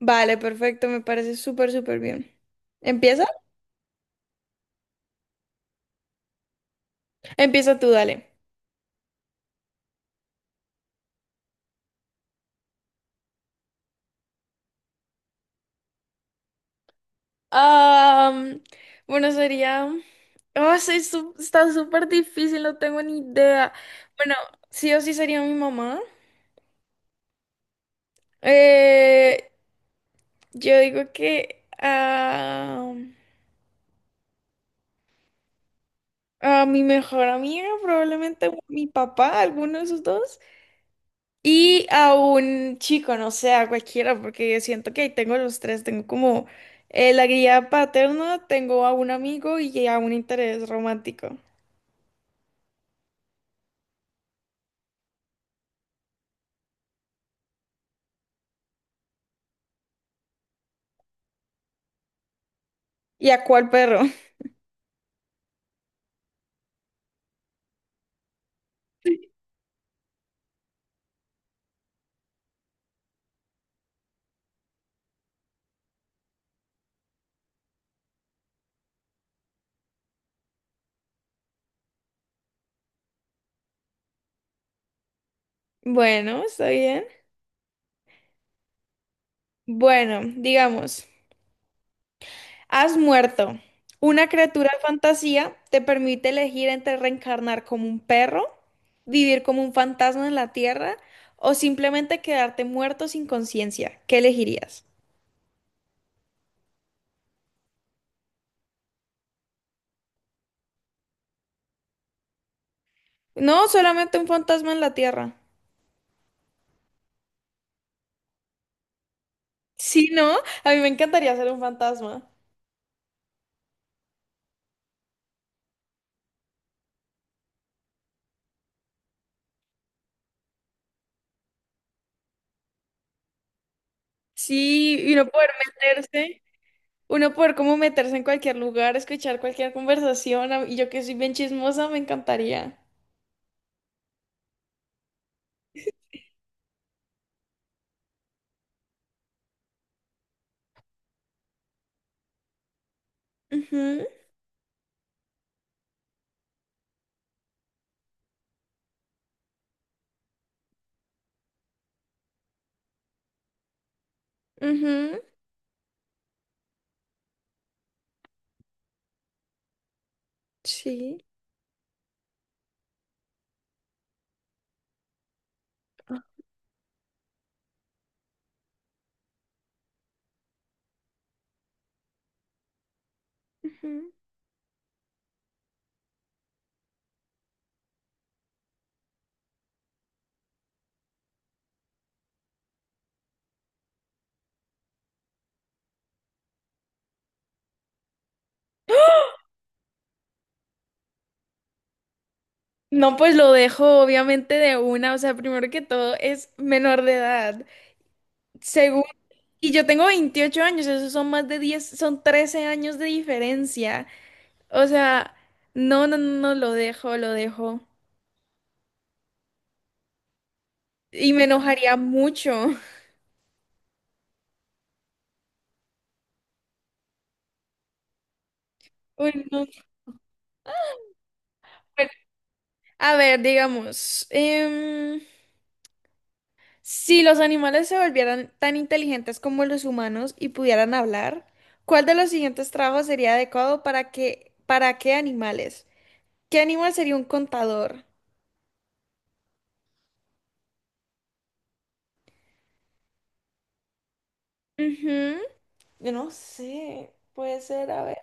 Vale, perfecto, me parece súper, súper bien. ¿Empieza? Empieza tú, dale. Am, bueno, sería... Oh, sí, está súper difícil, no tengo ni idea. Bueno, sí o sí sería mi mamá. Eh, yo digo que a mi mejor amiga, probablemente o mi papá, alguno de esos dos. Y a un chico, no sé, a cualquiera, porque yo siento que ahí tengo los tres. Tengo como la guía paterna, tengo a un amigo y a un interés romántico. ¿Y a cuál perro? Bueno, está bien. Bueno, digamos, has muerto. Una criatura de fantasía te permite elegir entre reencarnar como un perro, vivir como un fantasma en la tierra o simplemente quedarte muerto sin conciencia. ¿Qué elegirías? No, solamente un fantasma en la tierra. Sí, ¿no? A mí me encantaría ser un fantasma. Sí, y uno poder meterse, uno poder como meterse en cualquier lugar, escuchar cualquier conversación, y yo que soy bien chismosa, me encantaría. Ujú, ujú, sí. Ujú. No, pues lo dejo obviamente de una, o sea, primero que todo es menor de edad. Segundo, y yo tengo 28 años, esos son más de 10, son 13 años de diferencia. O sea, no, lo dejo, lo dejo. Y me enojaría mucho. Uy, no. Bueno, a ver, digamos, si los animales se volvieran tan inteligentes como los humanos y pudieran hablar, ¿cuál de los siguientes trabajos sería adecuado para qué animales? ¿Qué animal sería un contador? Ujú. Yo no sé, puede ser, a ver,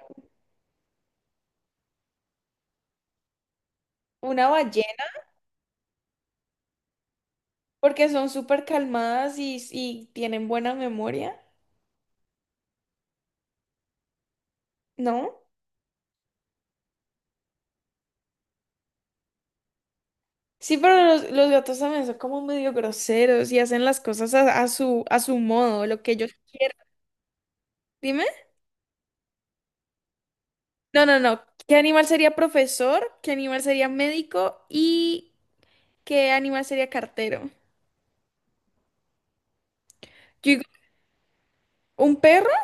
una ballena, porque son súper calmadas y tienen buena memoria, ¿no? Sí, pero los gatos también son como medio groseros y hacen las cosas a su modo, lo que ellos... Dime. No. ¿Qué animal sería profesor? ¿Qué animal sería médico? ¿Y qué animal sería cartero? Yo digo, ¿un perro?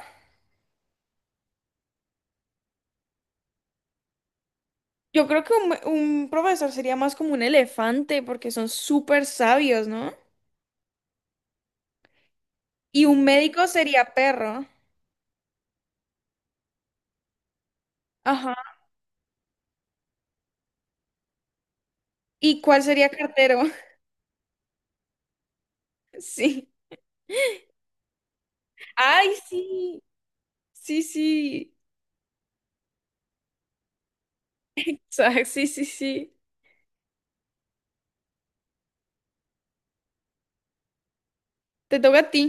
Yo creo que un profesor sería más como un elefante porque son súper sabios, ¿no? Y un médico sería perro. Ajá. ¿Y cuál sería cartero? Sí. Ay, sí. Sí, sí. O sí, sí, sí. Te toca a ti.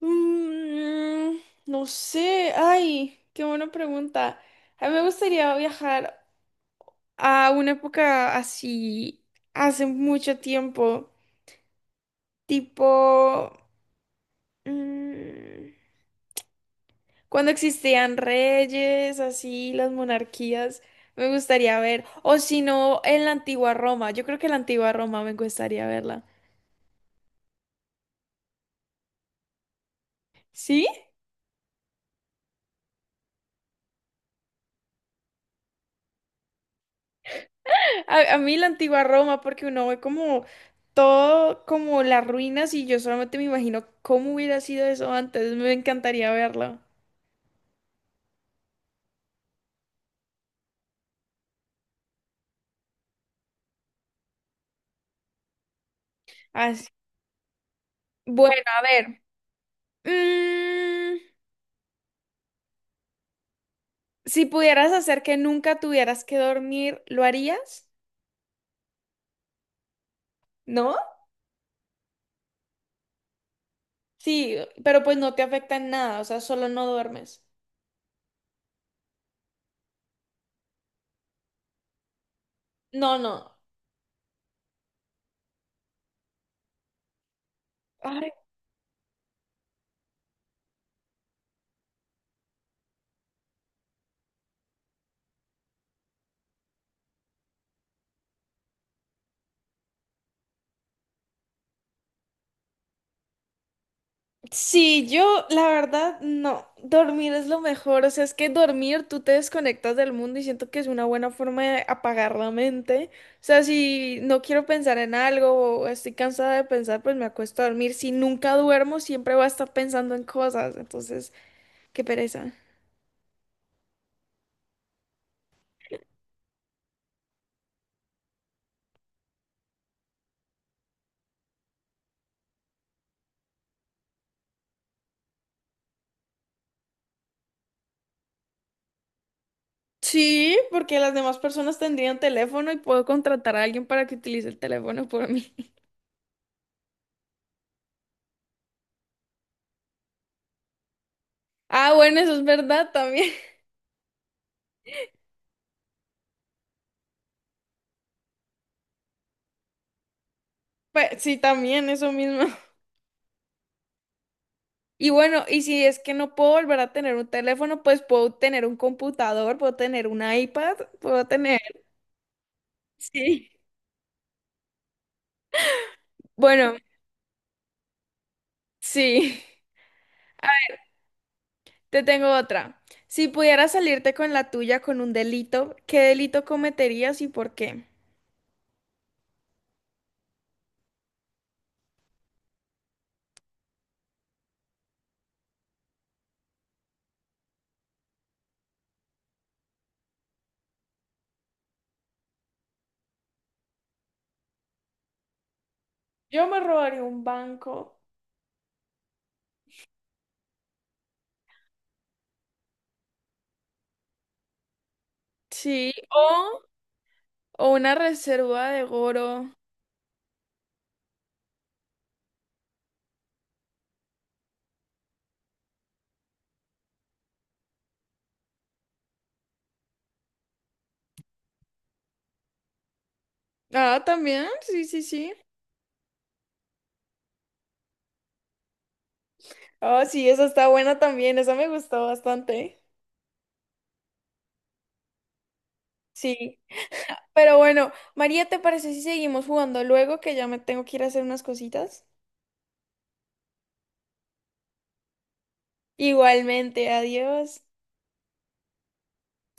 Mm, no sé, ay, qué buena pregunta. A mí me gustaría viajar a una época así, hace mucho tiempo, tipo, mm, cuando existían reyes, así, las monarquías, me gustaría ver, o si no, en la antigua Roma, yo creo que la antigua Roma me gustaría verla. ¿Sí? A mí la antigua Roma, porque uno ve como todo, como las ruinas, y yo solamente me imagino cómo hubiera sido eso antes. Me encantaría verlo. Así. Bueno, a ver. Mm, si pudieras hacer que nunca tuvieras que dormir, ¿lo harías? ¿No? Sí, pero pues no te afecta en nada, o sea, solo no duermes. No, no. Ay, sí, yo la verdad no, dormir es lo mejor, o sea, es que dormir tú te desconectas del mundo y siento que es una buena forma de apagar la mente, o sea, si no quiero pensar en algo o estoy cansada de pensar, pues me acuesto a dormir, si nunca duermo siempre voy a estar pensando en cosas, entonces, qué pereza. Sí, porque las demás personas tendrían teléfono y puedo contratar a alguien para que utilice el teléfono por mí. Ah, bueno, eso es verdad también. Pues sí, también, eso mismo. Y bueno, y si es que no puedo volver a tener un teléfono, pues puedo tener un computador, puedo tener un iPad, puedo tener... Sí. Bueno, sí. Te tengo otra. Si pudieras salirte con la tuya con un delito, ¿qué delito cometerías y por qué? Yo me robaría un banco. Sí, o una reserva de oro. Ah, también, sí, sí, sí. Ah, sí, esa está buena también, esa me gustó bastante. Sí. Pero bueno, María, ¿te parece si seguimos jugando luego que ya me tengo que ir a hacer unas cositas? Igualmente, adiós.